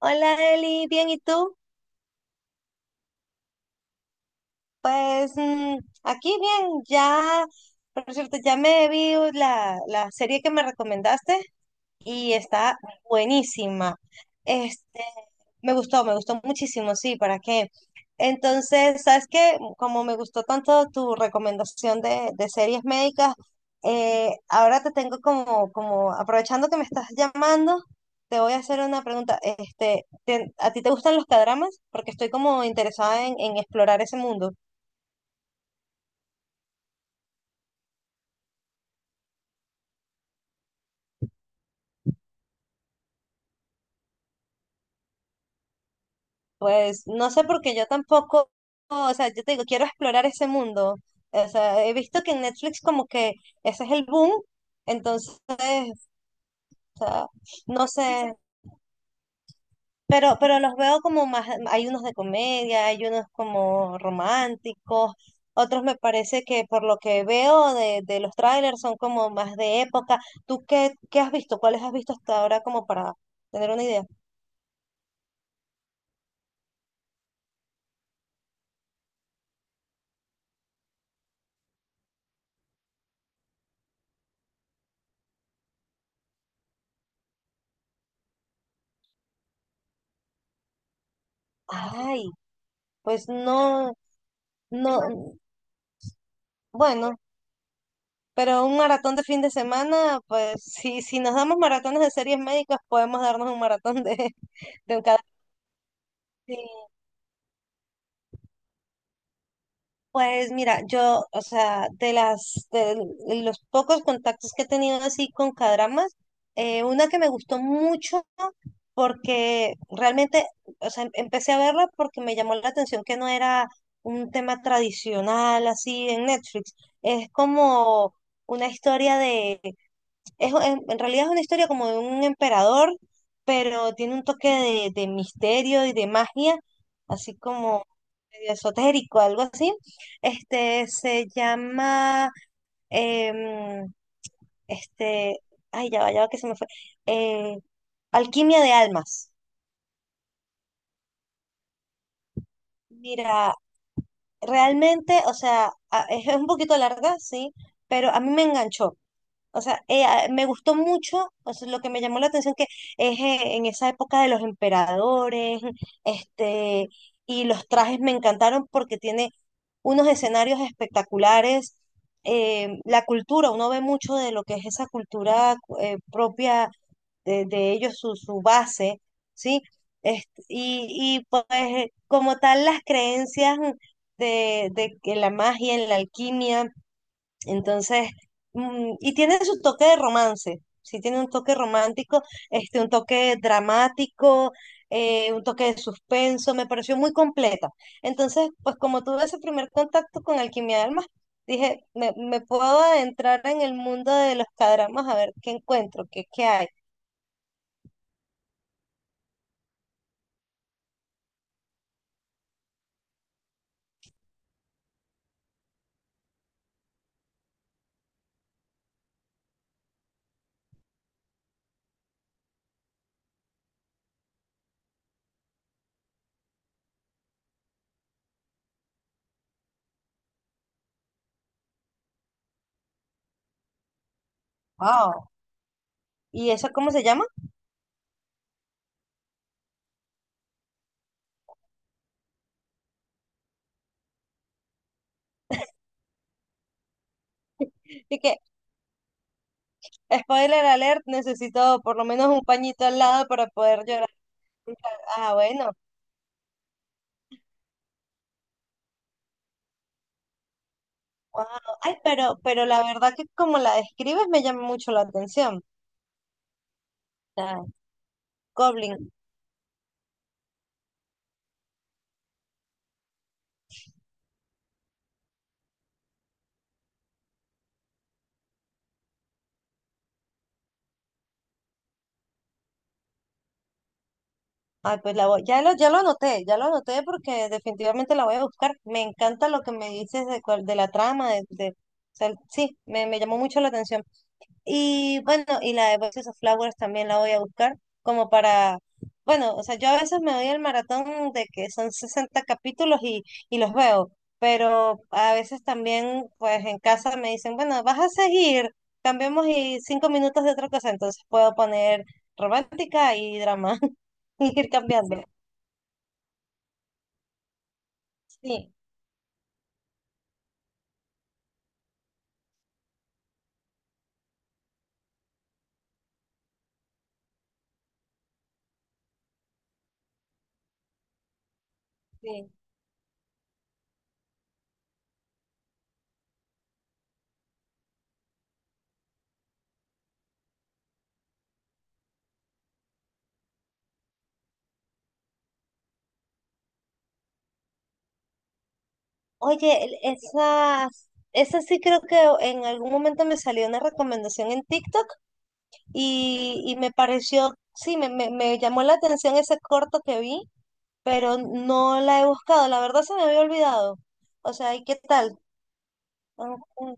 Hola Eli, bien, ¿y tú? Pues aquí bien, ya, por cierto, ya me vi la serie que me recomendaste, y está buenísima. Este, me gustó, me gustó muchísimo, sí, ¿para qué? Entonces, ¿sabes qué? Como me gustó tanto tu recomendación de series médicas, ahora te tengo como, aprovechando que me estás llamando, te voy a hacer una pregunta. ¿A ti te gustan los cadramas? Porque estoy como interesada en explorar ese mundo. Pues no sé porque yo tampoco, o sea, yo te digo, quiero explorar ese mundo. O sea, he visto que en Netflix como que ese es el boom, entonces, o sea, no sé, pero los veo como más, hay unos de comedia, hay unos como románticos, otros me parece que por lo que veo de los trailers son como más de época. ¿Tú qué has visto? ¿Cuáles has visto hasta ahora como para tener una idea? Ay, pues no, no, bueno. Pero un maratón de fin de semana, pues si nos damos maratones de series médicas, podemos darnos un maratón de, de un cada. Sí. Pues mira, yo, o sea, de las de los pocos contactos que he tenido así con cadramas, una que me gustó mucho porque realmente, o sea, empecé a verla porque me llamó la atención que no era un tema tradicional así en Netflix. Es como una historia. Es, en realidad es una historia como de un emperador, pero tiene un toque de misterio y de magia, así como medio esotérico, algo así. Este se llama, em, este, ay, ya va que se me fue. Eh, Alquimia de Almas. Mira, realmente, o sea, es un poquito larga, sí, pero a mí me enganchó. O sea, me gustó mucho, o sea, lo que me llamó la atención que es en esa época de los emperadores, este, y los trajes me encantaron porque tiene unos escenarios espectaculares, la cultura, uno ve mucho de lo que es esa cultura propia de ellos, su base, ¿sí? Este, y, y pues como tal las creencias de que la magia, en la alquimia. Entonces, y tiene su toque de romance, sí tiene un toque romántico, un toque dramático, un toque de suspenso, me pareció muy completa. Entonces, pues como tuve ese primer contacto con Alquimia de Almas, dije, me puedo adentrar en el mundo de los cadramas a ver qué encuentro, qué hay. Wow. ¿Y eso cómo se llama? Y que, spoiler alert, necesito por lo menos un pañito al lado para poder llorar. Ah, bueno. Wow. Ay, pero la verdad que como la describes me llama mucho la atención. O Goblin. Ay, pues ya lo anoté, ya lo anoté porque definitivamente la voy a buscar. Me encanta lo que me dices de la trama, o sea, sí, me llamó mucho la atención. Y bueno, y la de Voices of Flowers también la voy a buscar como para, bueno, o sea, yo a veces me doy el maratón de que son 60 capítulos y los veo, pero a veces también pues en casa me dicen, bueno, vas a seguir, cambiemos y 5 minutos de otra cosa, entonces puedo poner romántica y drama y ir cambiando. Sí, sí. Oye, esa sí creo que en algún momento me salió una recomendación en TikTok. Y me pareció, sí, me llamó la atención ese corto que vi, pero no la he buscado. La verdad se me había olvidado. O sea, ¿y qué tal? Ah, mm,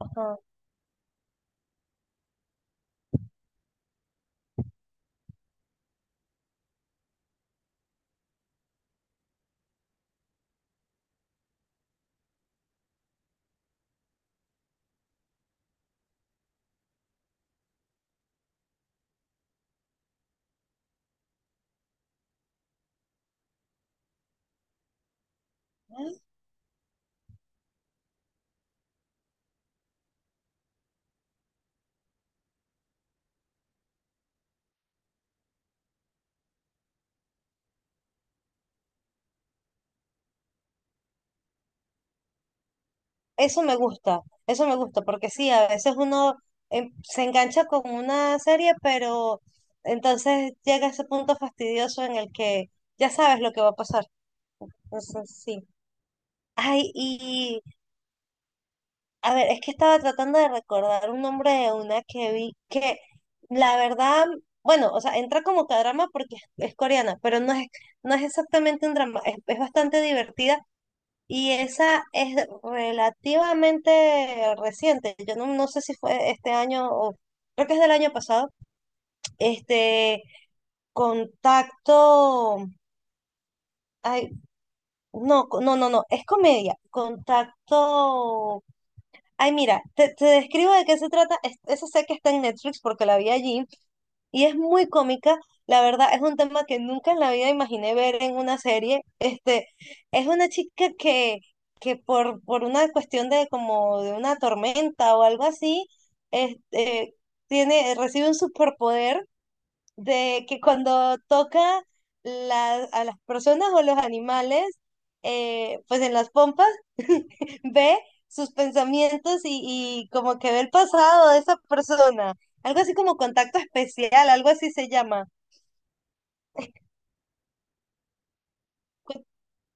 ajá. Eso me gusta, eso me gusta, porque sí, a veces uno se engancha con una serie, pero entonces llega ese punto fastidioso en el que ya sabes lo que va a pasar. Entonces, sí. Ay, a ver, es que estaba tratando de recordar un nombre de una que vi que la verdad, bueno, o sea, entra como que a drama porque es coreana, pero no es exactamente un drama, es bastante divertida y esa es relativamente reciente. Yo no sé si fue este año o creo que es del año pasado. Este, contacto, ay, no, no, no, no, es comedia, contacto. Ay, mira, te describo de qué se trata. Esa sé que está en Netflix porque la vi allí y es muy cómica. La verdad, es un tema que nunca en la vida imaginé ver en una serie. Es una chica que por una cuestión de como de una tormenta o algo así, este, tiene, recibe un superpoder de que cuando toca a las personas o los animales, pues en las pompas, ve sus pensamientos y como que ve el pasado de esa persona. Algo así como contacto especial, algo así se llama.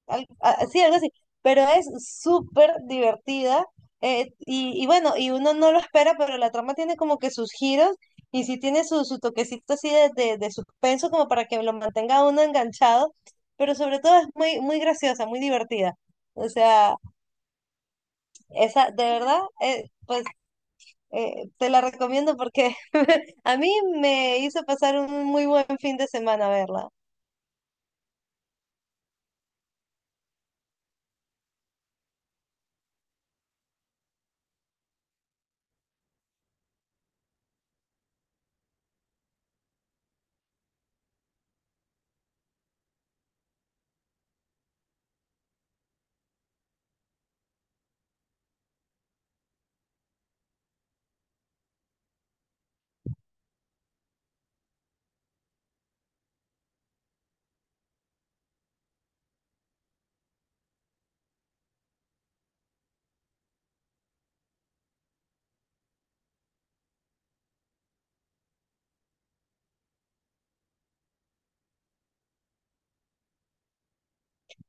Sí, algo así, pero es súper divertida y bueno, y uno no lo espera, pero la trama tiene como que sus giros y sí tiene su toquecito así de suspenso como para que lo mantenga a uno enganchado, pero sobre todo es muy, muy graciosa, muy divertida. O sea, esa, de verdad, pues te la recomiendo porque a mí me hizo pasar un muy buen fin de semana verla.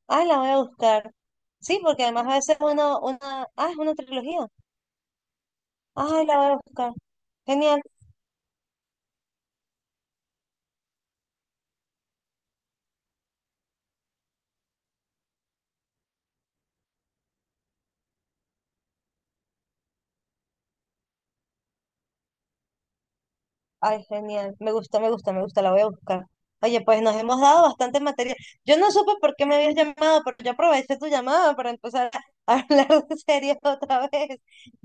Ah, la voy a buscar. Sí, porque además a veces uno, una, ah, es una trilogía. Ay, la voy a buscar. Genial. Ay, genial. Me gusta, me gusta, me gusta. La voy a buscar. Oye, pues nos hemos dado bastante material. Yo no supe por qué me habías llamado, pero yo aproveché tu llamada para empezar a hablar de series otra vez.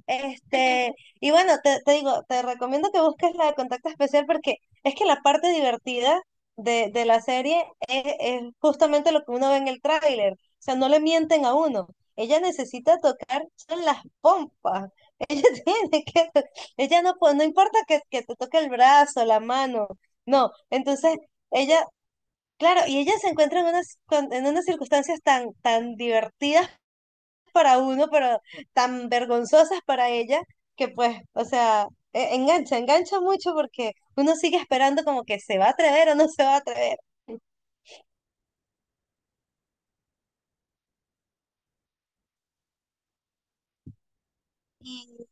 Este, y bueno, te digo, te recomiendo que busques la de contacto especial porque es que la parte divertida de la serie es justamente lo que uno ve en el tráiler. O sea, no le mienten a uno. Ella necesita tocar son las pompas. Ella tiene que, ella no, no importa que te toque el brazo, la mano, no. Entonces, ella, claro, y ella se encuentra en unas, en unas circunstancias tan, tan divertidas para uno, pero tan vergonzosas para ella, que pues, o sea, engancha, engancha mucho porque uno sigue esperando como que se va a atrever o no se va a atrever. Y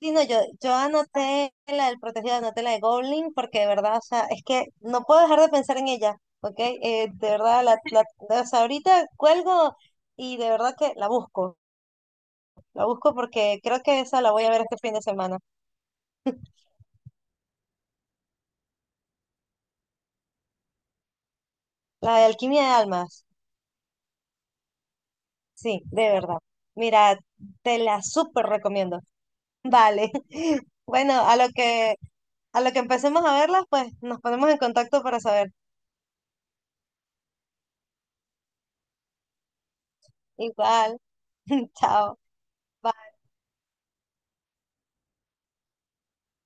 sí, no, yo anoté la del protegido, anoté la de Goblin, porque de verdad, o sea, es que no puedo dejar de pensar en ella, ¿ok? De verdad, o sea, ahorita cuelgo y de verdad que la busco porque creo que esa la voy a ver este fin de semana, la de Alquimia de Almas. Sí, de verdad. Mira, te la súper recomiendo. Vale. Bueno, a lo que empecemos a verlas, pues nos ponemos en contacto para saber. Igual. Chao. Bye.